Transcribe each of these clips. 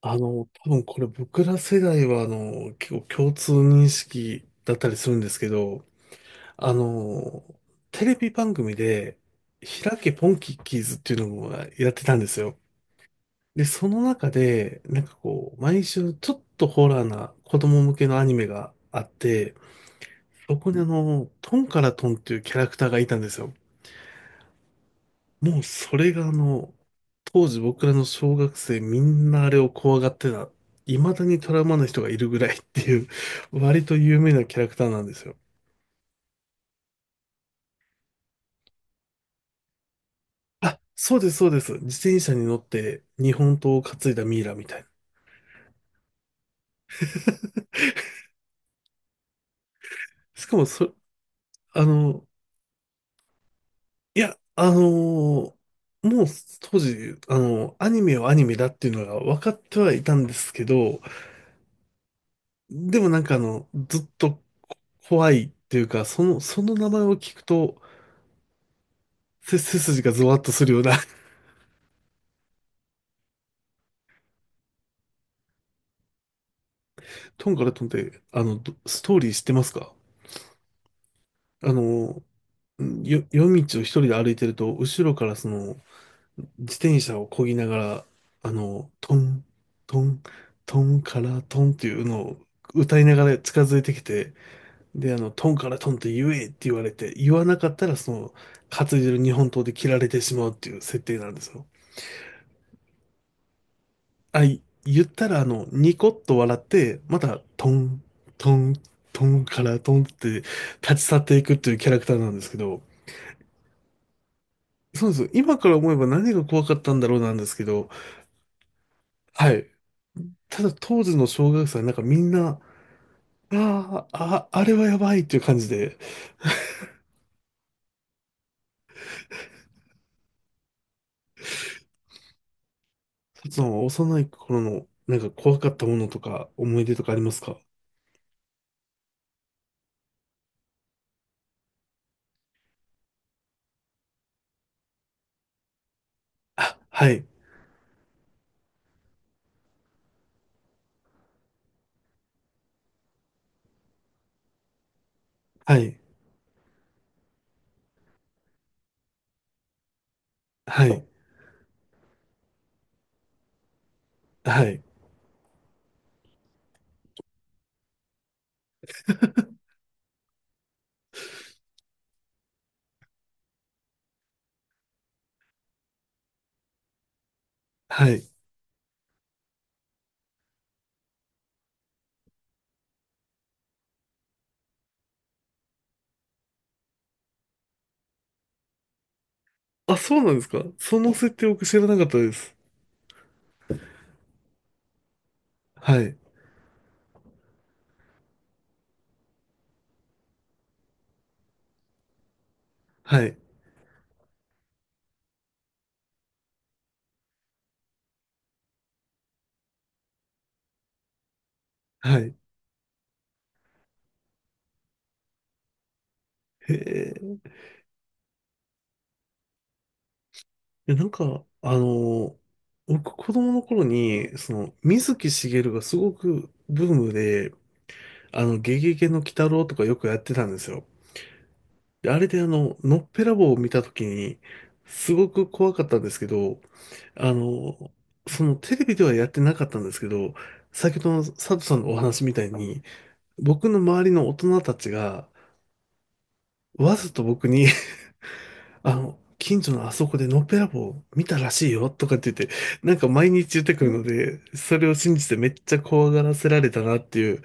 多分これ僕ら世代は、結構共通認識だったりするんですけど、あの、テレビ番組で、開けポンキッキーズっていうのもやってたんですよ。で、その中で、なんかこう、毎週ちょっとホラーな子供向けのアニメがあって、そこにトンからトンっていうキャラクターがいたんですよ。もうそれが当時僕らの小学生みんなあれを怖がってた。未だにトラウマな人がいるぐらいっていう、割と有名なキャラクターなんですよ。あ、そうです、そうです。自転車に乗って日本刀を担いだミイラみたいな。しかもあの、いや、もう当時、アニメはアニメだっていうのが分かってはいたんですけど、でもなんかずっとこ怖いっていうか、その名前を聞くと、背筋がゾワッとするようなトンからトンって、ストーリー知ってますか？あの、んよ、夜道を一人で歩いてると、後ろから自転車を漕ぎながら、トン、トン、トンからトンっていうのを歌いながら近づいてきて、で、トンからトンって言えって言われて、言わなかったら担いでる日本刀で切られてしまうっていう設定なんですよ。あ、言ったら、ニコッと笑って、また、トン、トン、トンからトンって立ち去っていくっていうキャラクターなんですけど、そうです。今から思えば何が怖かったんだろうなんですけど、はい。ただ当時の小学生はなんかみんな、あれはやばいっていう感じで、その幼い頃のなんか怖かったものとか思い出とかありますか？あ、はい、はい、はい、はい、はい。あ、そうなんですか？その設定僕知らなかったです。はい。はい。はい。へえ。いやなんか、僕子供の頃に、水木しげるがすごくブームで、ゲゲゲの鬼太郎とかよくやってたんですよ。であれでのっぺらぼうを見た時に、すごく怖かったんですけど、あの、そのテレビではやってなかったんですけど、先ほどの佐藤さんのお話みたいに、僕の周りの大人たちが、わざと僕に近所のあそこでのっぺらぼう見たらしいよとかって言って、なんか毎日言ってくるので、それを信じてめっちゃ怖がらせられたなっていう、い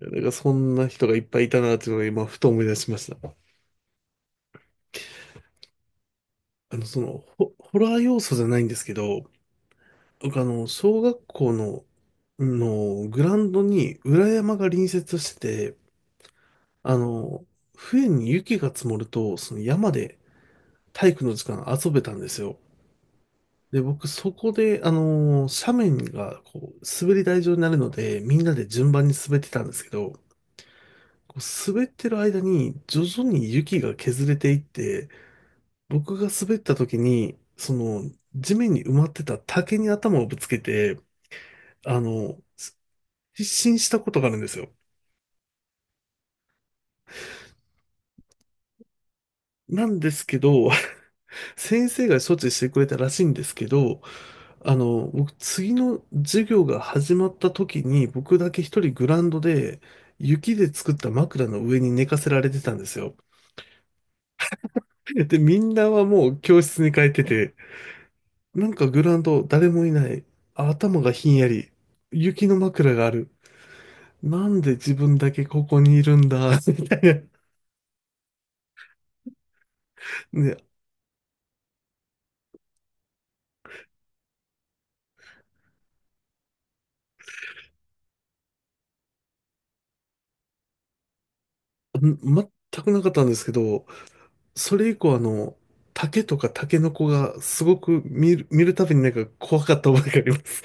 やなんかそんな人がいっぱいいたなっていうのが今ふと思い出しました。ホラー要素じゃないんですけど、僕小学校のグラウンドに裏山が隣接してて、あの、冬に雪が積もると、その山で体育の時間遊べたんですよ。で、僕、そこで、斜面が、こう、滑り台状になるので、みんなで順番に滑ってたんですけど、こう滑ってる間に、徐々に雪が削れていって、僕が滑った時に、地面に埋まってた竹に頭をぶつけて、あの、す失神したことがあるんですよ。なんですけど、先生が処置してくれたらしいんですけど、僕、次の授業が始まった時に、僕だけ一人グラウンドで、雪で作った枕の上に寝かせられてたんですよ。で、みんなはもう教室に帰ってて、なんかグラウンド誰もいない。あ、頭がひんやり。雪の枕がある。なんで自分だけここにいるんだ、みたいな。ね。全くなかったんですけど、それ以降竹とかタケノコがすごく見るたびになんか怖かった覚えがあります。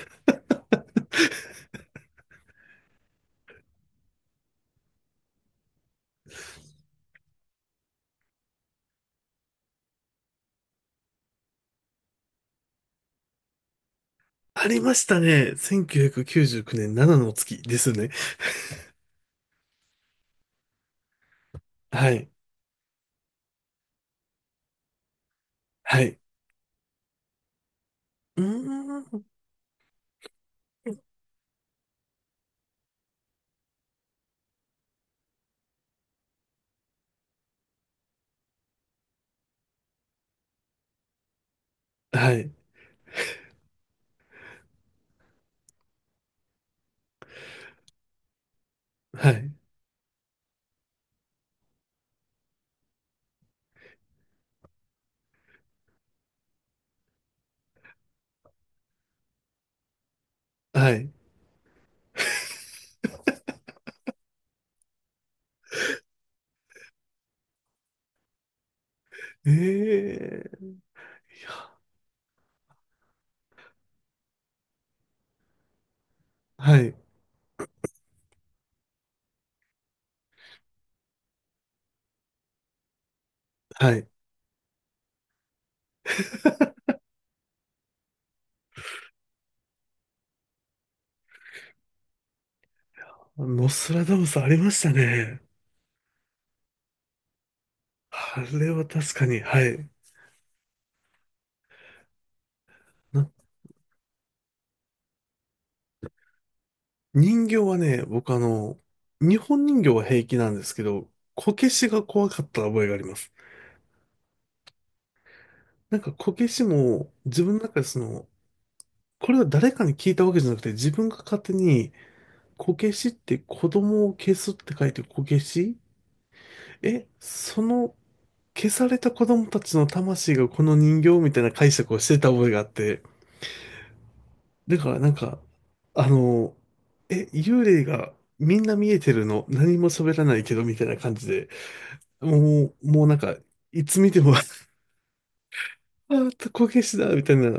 ありましたね。1999年7の月ですね。はい。はい。うーん。はい。はい。はい。ええ、いや、はい。はい。ノストラダムスありましたね。あれは確かに、はい。な人形はね、僕日本人形は平気なんですけど、こけしが怖かった覚えがあります。なんかこけしも自分の中でこれは誰かに聞いたわけじゃなくて自分が勝手にこけしって子供を消すって書いてこけし、その消された子供たちの魂がこの人形みたいな解釈をしてた覚えがあって。だからなんか、あの、幽霊がみんな見えてるの何も喋らないけどみたいな感じで、もうなんか、いつ見ても こけしだみたいな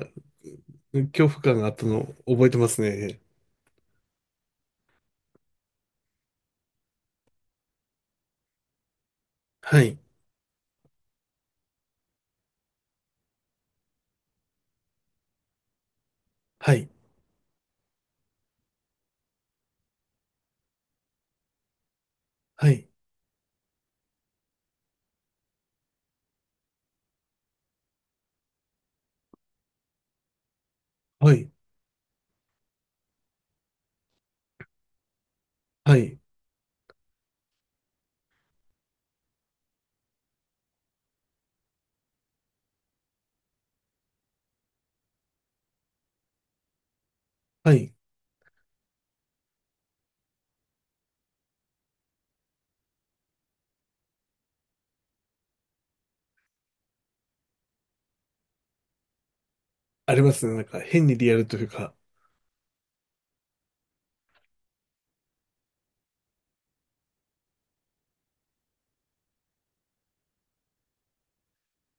恐怖感があったのを覚えてますね。はい、はい、はい、はい、はい、はい。ありますね。なんか変にリアルというか。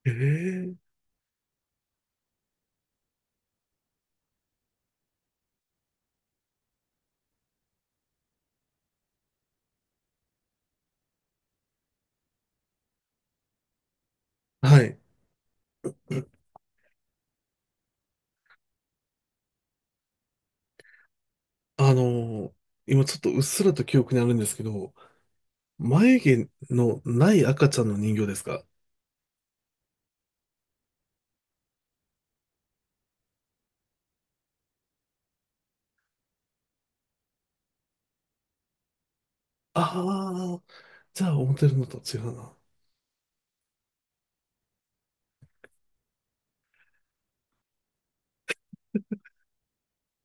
ええ、はい。あの今ちょっとうっすらと記憶にあるんですけど、眉毛のない赤ちゃんの人形ですか？ああー、じゃあ思ってるのと違うな。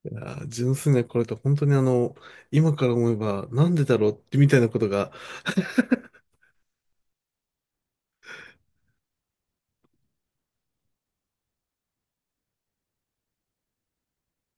いやー純粋なこれと本当に今から思えばなんでだろうってみたいなことが